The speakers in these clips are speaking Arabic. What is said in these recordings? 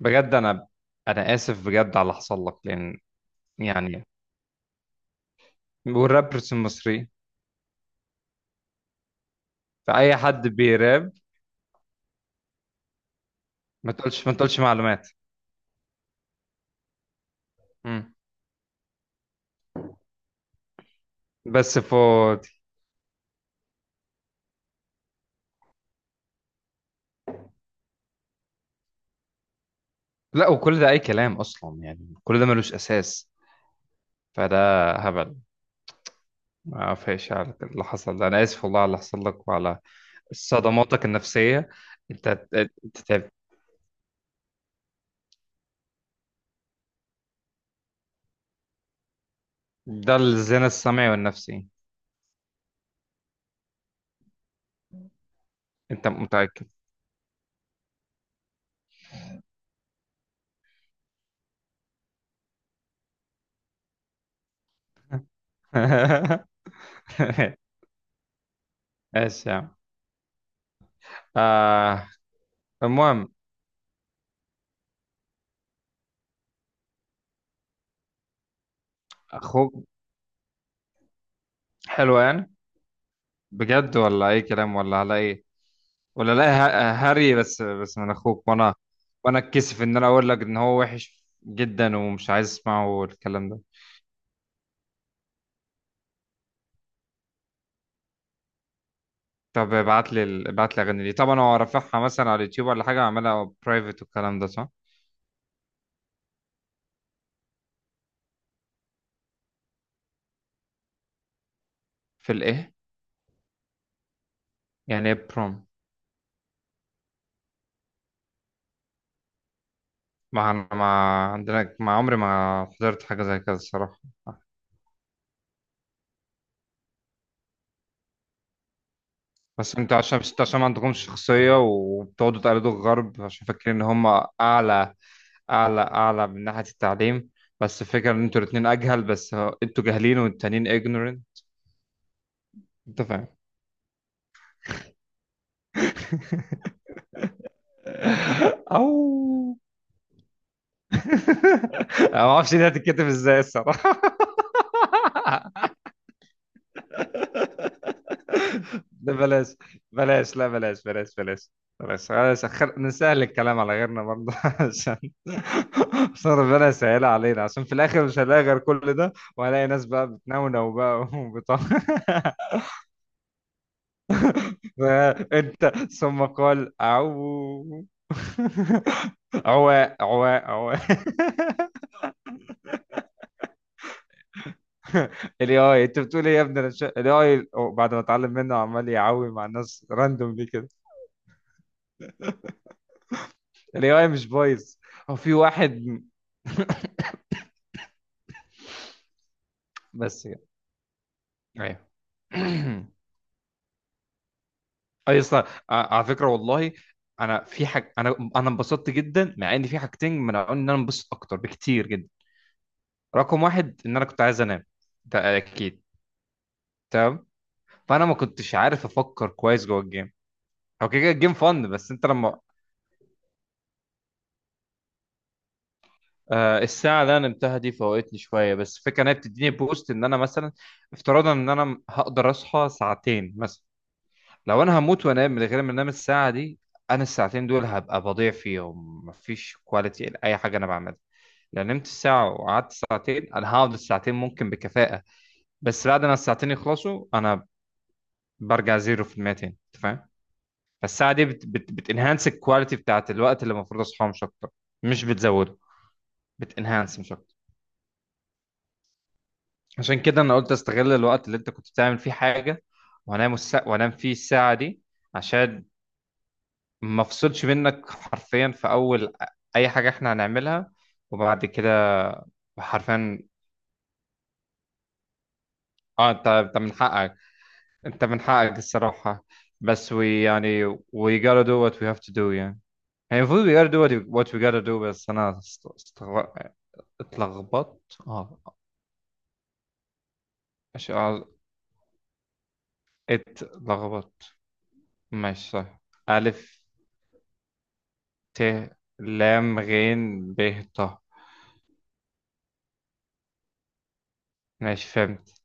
بجد انا اسف بجد على اللي حصل لك، لان يعني والرابرز المصري، فاي حد بيراب. ما تقولش معلومات. مم. بس فاضي. لا، وكل ده اي كلام اصلا، يعني كل ده ملوش اساس، فده هبل. ما فيش على اللي حصل ده، انا اسف والله على اللي حصل لك وعلى صدماتك النفسيه. انت انت تعبت. ده الزنا السمعي والنفسي. انت متاكد؟ ماشي يا عم. آه. المهم، اخوك حلو يعني؟ بجد ولا اي كلام ولا على ايه؟ ولا لا، هري. بس من اخوك. وانا اتكسف ان انا اقول لك ان هو وحش جدا ومش عايز اسمعه الكلام ده. طب ابعت لي ابعت لي اغاني دي. طبعا هو رافعها مثلا على اليوتيوب، ولا حاجه عاملها برايفت والكلام ده؟ صح، في الايه؟ يعني ايه بروم؟ ما ما عندنا، ما عمري ما حضرت حاجه زي كده الصراحه. بس انتوا عشان، بس انتوا عشان ما عندكمش شخصيه وبتقعدوا تقلدوا الغرب عشان فاكرين ان هم اعلى، اعلى، اعلى من ناحيه التعليم. بس الفكره ان انتوا الاثنين اجهل. انتوا جاهلين والتانيين ignorant. انت فاهم؟ او. انا ما اعرفش دي هتتكتب ازاي الصراحه. ده بلاش، بلاش، لا بلاش، بلاش، بلاش، بلاش، خلاص. نسهل الكلام على غيرنا برضه، عشان عشان ربنا يسهلها علينا، عشان في الاخر مش هنلاقي غير كل ده، وهنلاقي ناس بقى بتنونو بقى وبتاع. انت ثم قال عو عواء عواء عواء. الاي اي، انت بتقول ايه يا ابني؟ الاي اي، بعد ما اتعلم منه عمال يعوي مع الناس راندوم، ليه كده؟ الاي اي مش بايظ. هو في واحد بس كده. ايوه. اي اصلا، على فكره والله، انا في حاجه، انا انبسطت جدا، مع ان في حاجتين منعوني ان انا انبسط اكتر بكتير جدا. رقم واحد، ان انا كنت عايز انام، ده اكيد. تمام. فانا ما كنتش عارف افكر كويس جوه الجيم. هو كده كده الجيم فن، بس انت لما، آه الساعه اللي انا نمتها دي فوقتني شويه، بس الفكره ان هي بتديني بوست ان انا مثلا، افتراضا ان انا هقدر اصحى ساعتين مثلا. لو انا هموت وانام من غير ما انام الساعه دي، انا الساعتين دول هبقى بضيع فيهم، مفيش كواليتي لاي حاجه انا بعملها. لو نمت ساعة وقعدت ساعتين، أنا هقعد الساعتين ممكن بكفاءة. بس بعد ما الساعتين يخلصوا، أنا برجع زيرو في المية تاني. أنت فاهم؟ فالساعة دي بت بتنهانس الكواليتي بتاعت الوقت اللي المفروض أصحاه، مش أكتر. مش بتزوده، بتنهانس، مش أكتر. عشان كده أنا قلت أستغل الوقت اللي أنت كنت بتعمل فيه حاجة، وأنام وأنام فيه الساعة دي، عشان ما أفصلش منك حرفيا في أول أي حاجة إحنا هنعملها. وبعد كده حرفيا. اه، انت، انت من حقك. انت من حقك الصراحة. بس we يعني we gotta do what we have to do يعني. يعني المفروض we gotta do what we gotta do. بس انا است- استغ... اتلخبطت، اه. مش اتلخبطت، ماشي، صح. ألف، ت، لام، غين، ب، ط. ماشي، فهمت.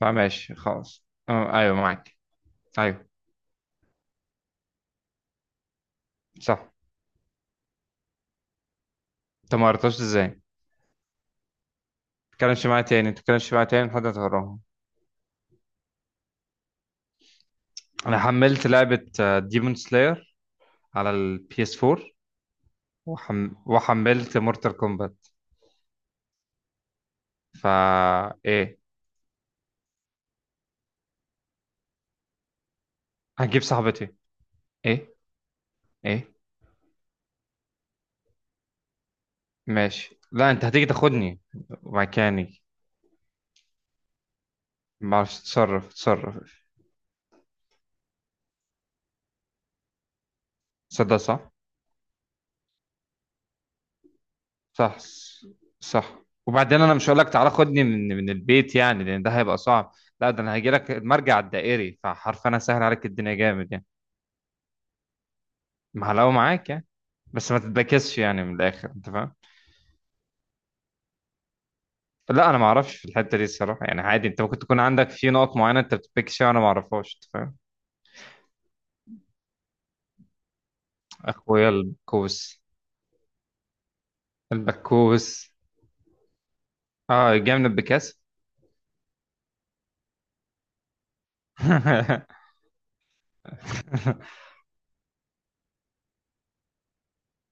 فماشي خلاص. آه، أيوه معاك. أيوه. صح. أنت ما قريتهاش إزاي؟ ما تتكلمش معايا تاني، ما تتكلمش معايا تاني، لحد ما تقراهم. أنا حملت لعبة ديمون سلاير على البي اس 4، وحملت مورتال كومبات. فا إيه؟ هجيب صاحبتي. إيه؟ إيه؟ ماشي، لا أنت هتيجي تاخدني مكاني. ما اعرفش، تصرف، تصرف. صدق، صح. صح. صح، وبعدين انا مش هقول لك تعالى خدني من البيت يعني، لان ده هيبقى صعب. لا ده انا هاجي لك المرجع الدائري، فحرفيا انا سهل عليك الدنيا جامد يعني. محلاوه معاك يعني. بس ما تتبكسش يعني من الاخر، انت فاهم؟ لا انا ما اعرفش في الحته دي الصراحه، يعني عادي، انت ممكن تكون عندك في نقط معينه انت بتتبكس فيها وانا ما اعرفهاش. انت فاهم؟ اخويا البكوس. البكوس. اه، جاي من البكاس.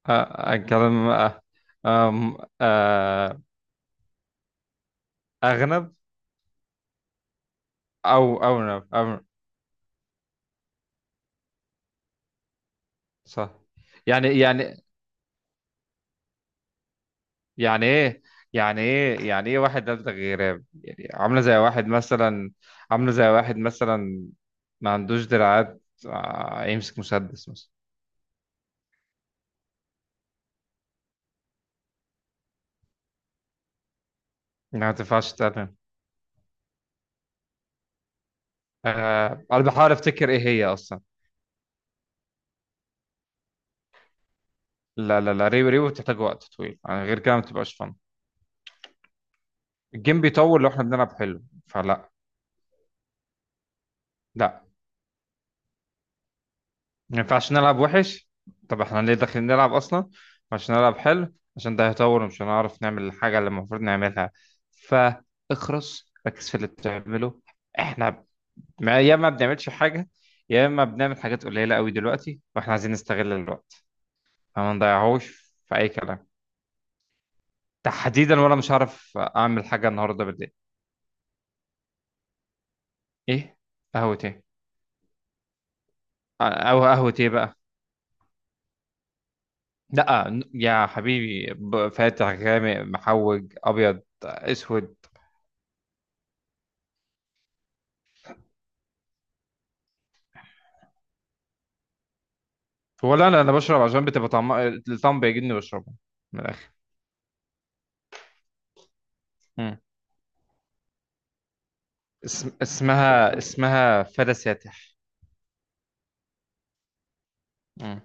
آه، كلام، آه، آم، آه، أغنب، أو أونب، أو صح. يعني، يعني، يعني إيه؟ يعني إيه؟ يعني إيه؟ واحد نبتة غراب يعني، عاملة زي واحد مثلا، عاملة زي واحد مثلا ما عندوش دراعات، آه، يمسك مسدس مثلا. ما تنفعش، تمام. أه، أنا بحاول أفتكر إيه هي أصلا. لا لا لا، ريو، ريو بتحتاج وقت طويل يعني، غير كده ما بتبقاش فن. الجيم بيطول لو إحنا بنلعب حلو، فلا. لا، ما ينفعش نلعب وحش. طب احنا ليه داخلين نلعب اصلا؟ عشان نلعب حلو، عشان ده هيطور، ومش هنعرف نعمل الحاجه اللي المفروض نعملها. فاخرس، ركز في اللي بتعمله. احنا يا ما بنعملش حاجه، يا اما بنعمل حاجات قليله قوي دلوقتي، واحنا عايزين نستغل الوقت، فما نضيعهوش في اي كلام. تحديدا وانا مش هعرف اعمل حاجه النهارده بالليل. ايه؟ قهوه ايه؟ او قهوه ايه بقى؟ لا يا حبيبي، فاتح، غامق، محوج، ابيض، اسود. هو، لا لا، انا بشرب عشان بتبقى طعم، الطعم بيعجبني بشربه. من الاخر. مم. اسمها، اسمها فدا ساتح. مم.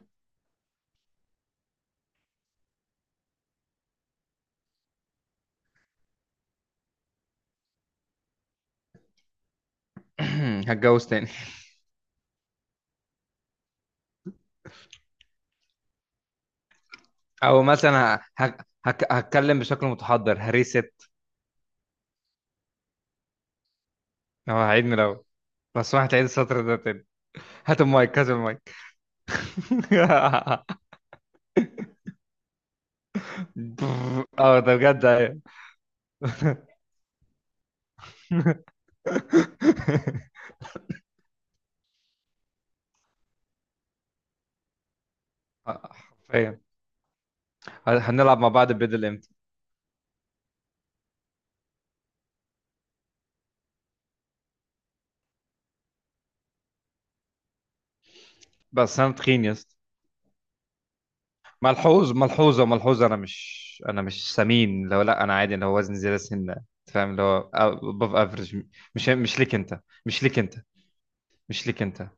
هتجوز تاني. او مثلا هتكلم بشكل متحضر هريست، او هعيد من الاول، بس ما هتعيد السطر ده تاني. هات المايك، هات المايك. اه ده بجد، ايوه. حرفيا، هنلعب مع بعض بدل امتى؟ بس انا تخين يا اسطى. ملحوظ، ملحوظه، ملحوظه، انا مش سمين لو لا، انا عادي، اللي هو وزني زياده سنه. أنت فاهم؟ اللي هو above افريج. مش ليك انت. مش ليك انت. مش ليك انت.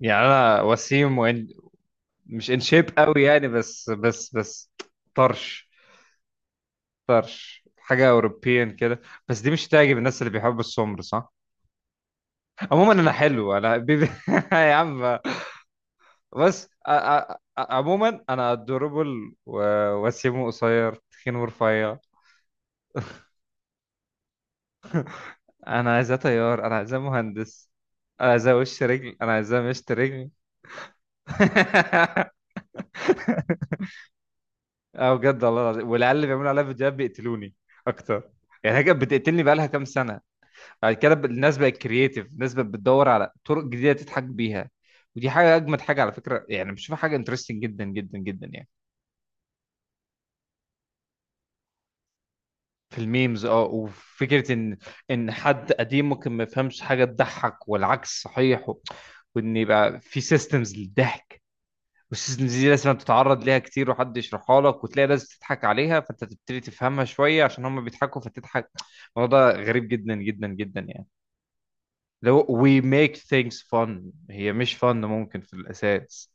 يعني انا وسيم، وإن مش ان شيب قوي يعني، بس، بس، بس طرش، طرش حاجه اوروبيان كده. بس دي مش تعجب الناس اللي بيحبوا السمر، صح؟ عموما انا حلو، انا بيبي. يا عم. بس عموما انا ادوربل، وسيم، قصير، تخين، ورفيع. انا عايزاه طيار، انا عايزاه مهندس، انا عايزاه وش رجل، انا عايزاه مشط رجل. اه بجد والله العظيم، والعيال اللي بيعملوا عليها فيديوهات بيقتلوني اكتر. يعني هي كانت بتقتلني بقالها كام سنه. بعد كده، الناس بقت كرييتيف، الناس بقت بتدور على طرق جديده تضحك بيها. ودي حاجه اجمد حاجه على فكره يعني، بشوفها حاجه انترستنج جدا جدا جدا يعني. في الميمز، اه، وفكره ان، ان حد قديم ممكن ما يفهمش حاجه تضحك، والعكس صحيح، وان يبقى في سيستمز للضحك، بس دي لازم تتعرض ليها كتير وحد يشرحها لك وتلاقي ناس بتضحك عليها، فانت تبتدي تفهمها شويه عشان هم بيضحكوا فتضحك. الموضوع ده غريب جدا جدا جدا يعني. لو we make things fun، هي مش fun ممكن في الاساس.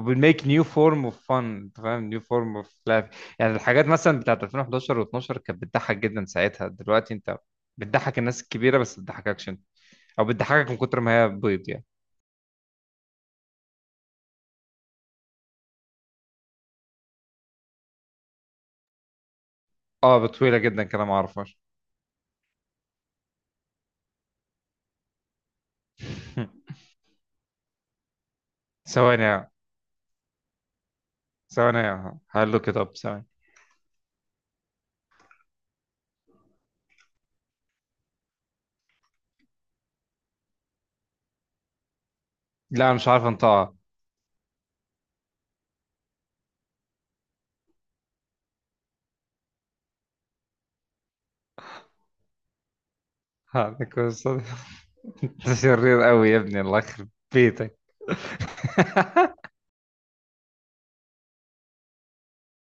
we make new form of fun، انت فاهم؟ new form of laughing. يعني الحاجات مثلا بتاعت 2011 و12 كانت بتضحك جدا ساعتها، دلوقتي انت بتضحك الناس الكبيره بس، ما بتضحككش انت، او بتضحكك من كتر ما هي بيض يعني. اه، بطويله جدا كده ما اعرفهاش. ثواني. ثواني، هقلوك كده، طب ثواني. لا أنا مش عارف انطقها. هذا كويس. انت شرير قوي يا ابني، الله يخرب بيتك.